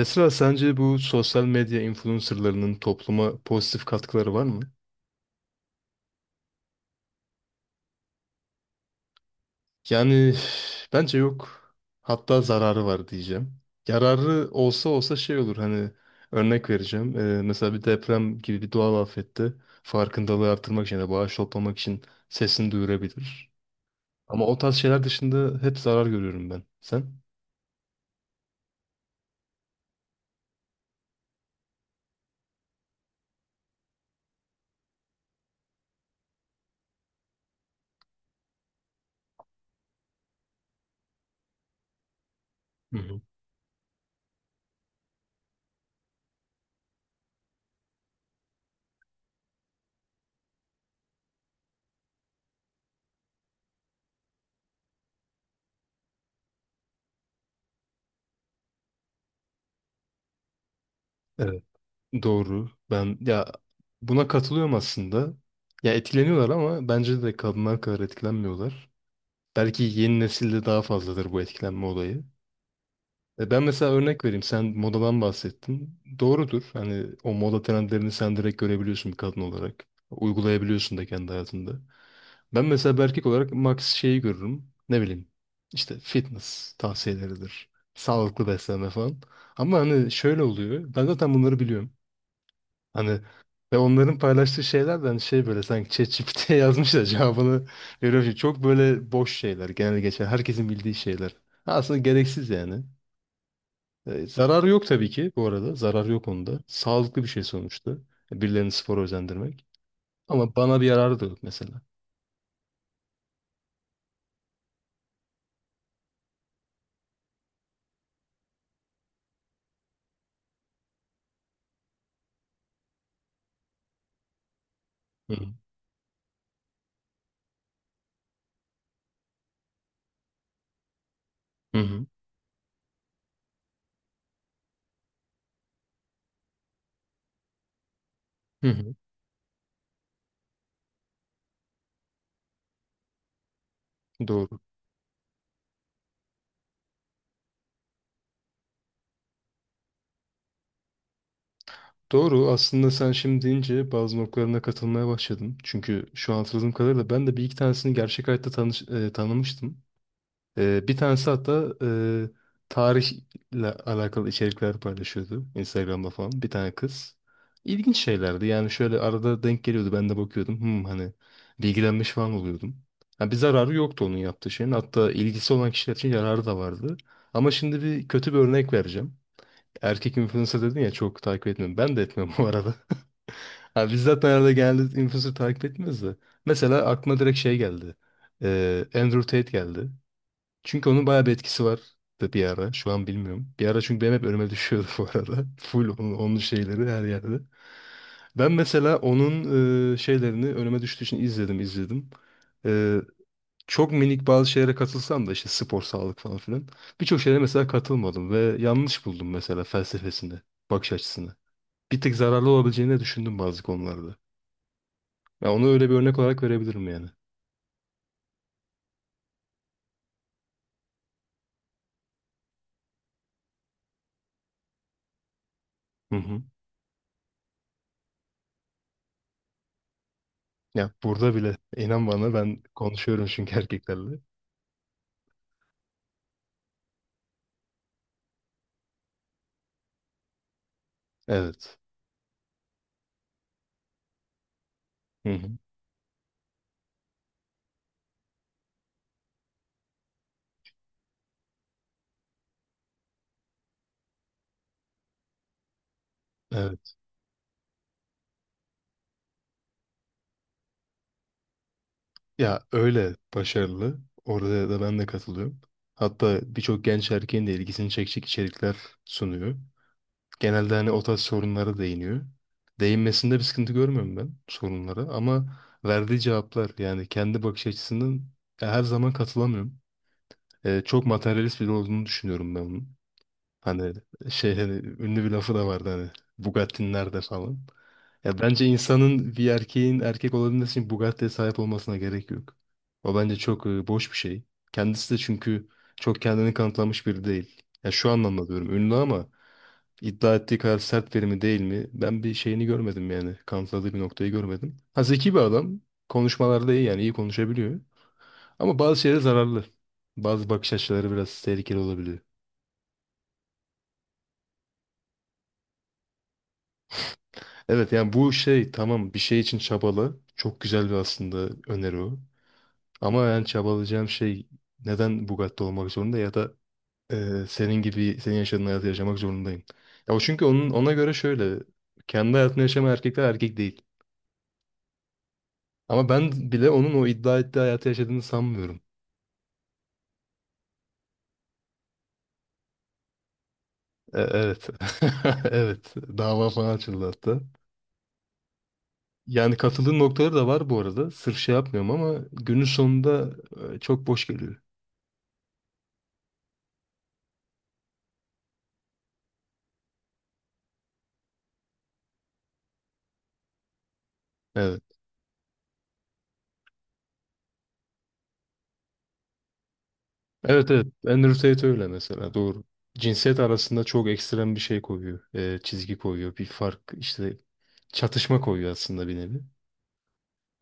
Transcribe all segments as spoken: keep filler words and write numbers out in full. Esra, sence bu sosyal medya influencerlarının topluma pozitif katkıları var mı? Yani üf, bence yok. Hatta zararı var diyeceğim. Yararı olsa olsa şey olur, hani örnek vereceğim. Ee, mesela bir deprem gibi bir doğal afette farkındalığı artırmak için ya da bağış toplamak için sesini duyurabilir. Ama o tarz şeyler dışında hep zarar görüyorum ben. Sen? Hı hı. Evet. Doğru. Ben ya buna katılıyorum aslında. Ya etkileniyorlar ama bence de kadınlar kadar etkilenmiyorlar. Belki yeni nesilde daha fazladır bu etkilenme olayı. E, Ben mesela örnek vereyim. Sen modadan bahsettin. Doğrudur. Hani o moda trendlerini sen direkt görebiliyorsun bir kadın olarak. Uygulayabiliyorsun da kendi hayatında. Ben mesela bir erkek olarak max şeyi görürüm. Ne bileyim, işte fitness tavsiyeleridir. Sağlıklı beslenme falan. Ama hani şöyle oluyor. Ben zaten bunları biliyorum. Hani ve onların paylaştığı şeyler de hani şey, böyle sanki ChatGPT'ye yazmış da cevabını veriyor. Şimdi çok böyle boş şeyler, genel geçer. Herkesin bildiği şeyler. Aslında gereksiz yani. E, zararı yok tabii ki bu arada. Zararı yok onda. Sağlıklı bir şey sonuçta. E, Birilerini spora özendirmek. Ama bana bir yararı da yok mesela. Hı hı. Hı hı. Hı hı. Doğru. Doğru. Aslında sen şimdi deyince bazı noktalarına katılmaya başladım. Çünkü şu an hatırladığım kadarıyla ben de bir iki tanesini gerçek hayatta tanış, e, tanımıştım. Ee, bir tanesi hatta e, tarihle alakalı içerikler paylaşıyordu Instagram'da falan, bir tane kız. İlginç şeylerdi yani, şöyle arada denk geliyordu, ben de bakıyordum, hmm, hani bilgilenmiş falan oluyordum. Ha, bir zararı yoktu onun yaptığı şeyin, hatta ilgisi olan kişiler için yararı da vardı. Ama şimdi bir kötü bir örnek vereceğim. Erkek influencer dedin ya, çok takip etmiyorum. Ben de etmiyorum bu arada. Ha, biz zaten arada genelde influencer takip etmiyoruz da. Mesela aklıma direkt şey geldi. Ee, Andrew Tate geldi. Çünkü onun bayağı bir etkisi var, da bir ara. Şu an bilmiyorum. Bir ara, çünkü benim hep önüme düşüyordu bu arada. Full onun, onun şeyleri her yerde. Ben mesela onun e, şeylerini önüme düştüğü için izledim izledim. E, çok minik bazı şeylere katılsam da, işte spor, sağlık falan filan. Birçok şeylere mesela katılmadım ve yanlış buldum mesela felsefesini, bakış açısını. Bir tık zararlı olabileceğini de düşündüm bazı konularda. Ya onu öyle bir örnek olarak verebilirim yani. Hı hı. Ya burada bile, inan bana, ben konuşuyorum çünkü erkeklerle. Evet. Hı hı. Evet. Ya öyle başarılı. Orada da ben de katılıyorum. Hatta birçok genç erkeğin de ilgisini çekecek içerikler sunuyor. Genelde hani o tarz sorunlara değiniyor. Değinmesinde bir sıkıntı görmüyorum ben sorunlara, ama verdiği cevaplar, yani kendi bakış açısının, ya her zaman katılamıyorum. Ee, çok materyalist biri olduğunu düşünüyorum ben onun. Hani şey, hani ünlü bir lafı da vardı hani, Bugatti'nin nerede falan. Ya bence insanın, bir erkeğin erkek olabilmesi için Bugatti'ye sahip olmasına gerek yok. O bence çok e, boş bir şey. Kendisi de çünkü çok kendini kanıtlamış biri değil. Ya şu anlamda diyorum, ünlü ama iddia ettiği kadar sert biri mi, değil mi? Ben bir şeyini görmedim yani. Kanıtladığı bir noktayı görmedim. Ha, zeki bir adam. Konuşmalarda iyi, yani iyi konuşabiliyor. Ama bazı şeylere zararlı. Bazı bakış açıları biraz tehlikeli olabiliyor. Evet yani, bu şey tamam, bir şey için çabalı. Çok güzel bir, aslında öneri o. Ama ben çabalayacağım şey neden Bugatti olmak zorunda, ya da e, senin gibi, senin yaşadığın hayatı yaşamak zorundayım. Ya o, çünkü onun, ona göre şöyle, kendi hayatını yaşayan erkekler erkek değil. Ama ben bile onun o iddia ettiği hayatı yaşadığını sanmıyorum. E, evet. Evet. Dava falan açıldı hatta. Yani katıldığım noktaları da var bu arada. Sırf şey yapmıyorum ama günün sonunda e, çok boş geliyor. Evet. Evet evet. Andrew Tate öyle mesela. Doğru. Cinsiyet arasında çok ekstrem bir şey koyuyor. e, çizgi koyuyor. Bir fark, işte çatışma koyuyor aslında, bir nevi.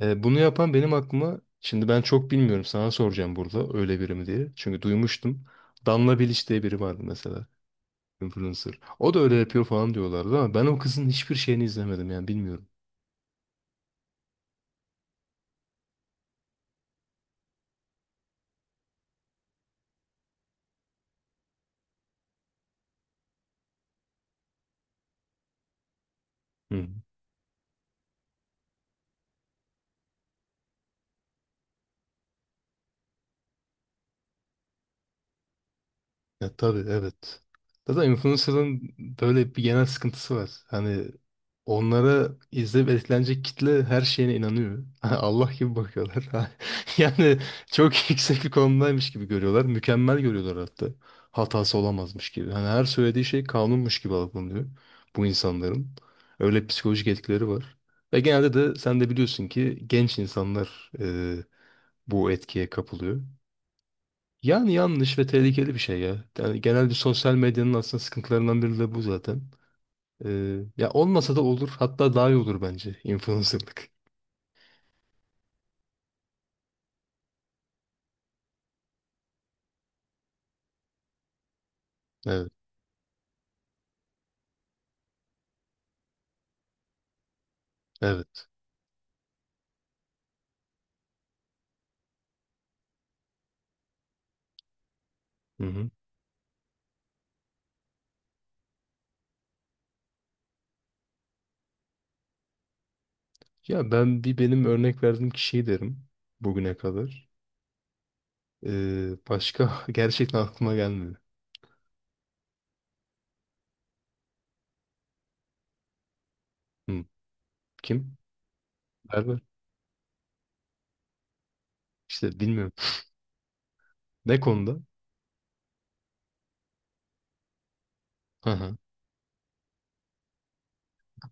E, bunu yapan, benim aklıma şimdi, ben çok bilmiyorum, sana soracağım burada öyle biri mi diye. Çünkü duymuştum. Damla Bilic diye biri vardı mesela. Influencer. O da öyle yapıyor falan diyorlardı ama ben o kızın hiçbir şeyini izlemedim yani, bilmiyorum. Hı. Ya tabii, evet. Zaten influencer'ın böyle bir genel sıkıntısı var. Hani onlara, izleyip etkilenecek kitle her şeyine inanıyor. Allah gibi bakıyorlar. Yani çok yüksek bir konumdaymış gibi görüyorlar. Mükemmel görüyorlar hatta. Hatası olamazmış gibi. Hani her söylediği şey kanunmuş gibi algılanıyor bu insanların. Öyle psikolojik etkileri var. Ve genelde de, sen de biliyorsun ki, genç insanlar e, bu etkiye kapılıyor. Yani yanlış ve tehlikeli bir şey ya. Yani genelde sosyal medyanın aslında sıkıntılarından biri de bu zaten. Ee, ya olmasa da olur. Hatta daha iyi olur bence influencerlık. Evet. Evet. Hı hı. Ya ben, bir benim örnek verdiğim kişiyi derim bugüne kadar. Ee, başka gerçekten aklıma gelmedi. Hı. Kim? Berber. İşte bilmiyorum. Ne konuda? Hı hı.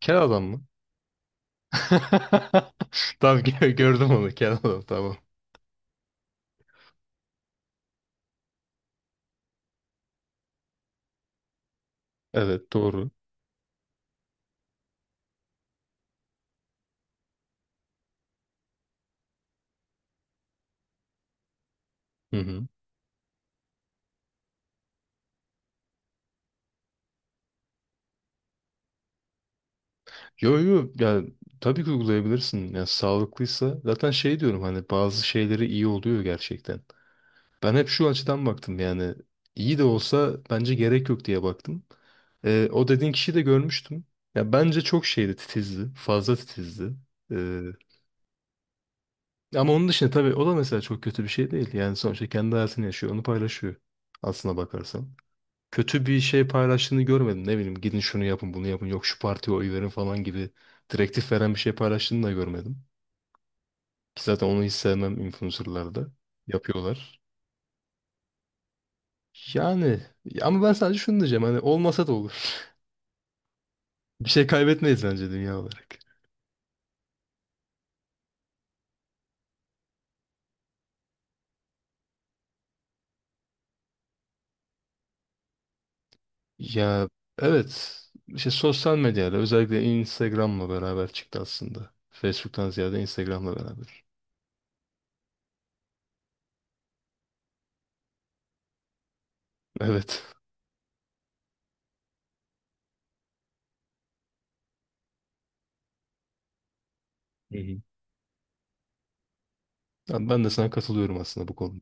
Kel adam mı? Tamam, gö- gördüm onu, kel adam, tamam. Evet, doğru. Hı hı. Yo, yo, yani tabii ki uygulayabilirsin. Yani sağlıklıysa zaten, şey diyorum hani bazı şeyleri iyi oluyor gerçekten. Ben hep şu açıdan baktım yani, iyi de olsa bence gerek yok diye baktım. Ee, o dediğin kişiyi de görmüştüm. Ya bence çok şeydi, titizdi. Fazla titizdi. Ee, ama onun dışında tabii, o da mesela çok kötü bir şey değil. Yani sonuçta kendi hayatını yaşıyor. Onu paylaşıyor. Aslına bakarsan kötü bir şey paylaştığını görmedim. Ne bileyim, gidin şunu yapın bunu yapın, yok şu partiye oy verin falan gibi direktif veren bir şey paylaştığını da görmedim. Ki zaten onu hiç sevmem influencerlarda. Yapıyorlar. Yani, ama ben sadece şunu diyeceğim, hani olmasa da olur. Bir şey kaybetmeyiz bence dünya olarak. Ya evet, işte sosyal medyada özellikle Instagram'la beraber çıktı aslında. Facebook'tan ziyade Instagram'la beraber. Evet. Hı hı. Ya ben de sana katılıyorum aslında bu konuda.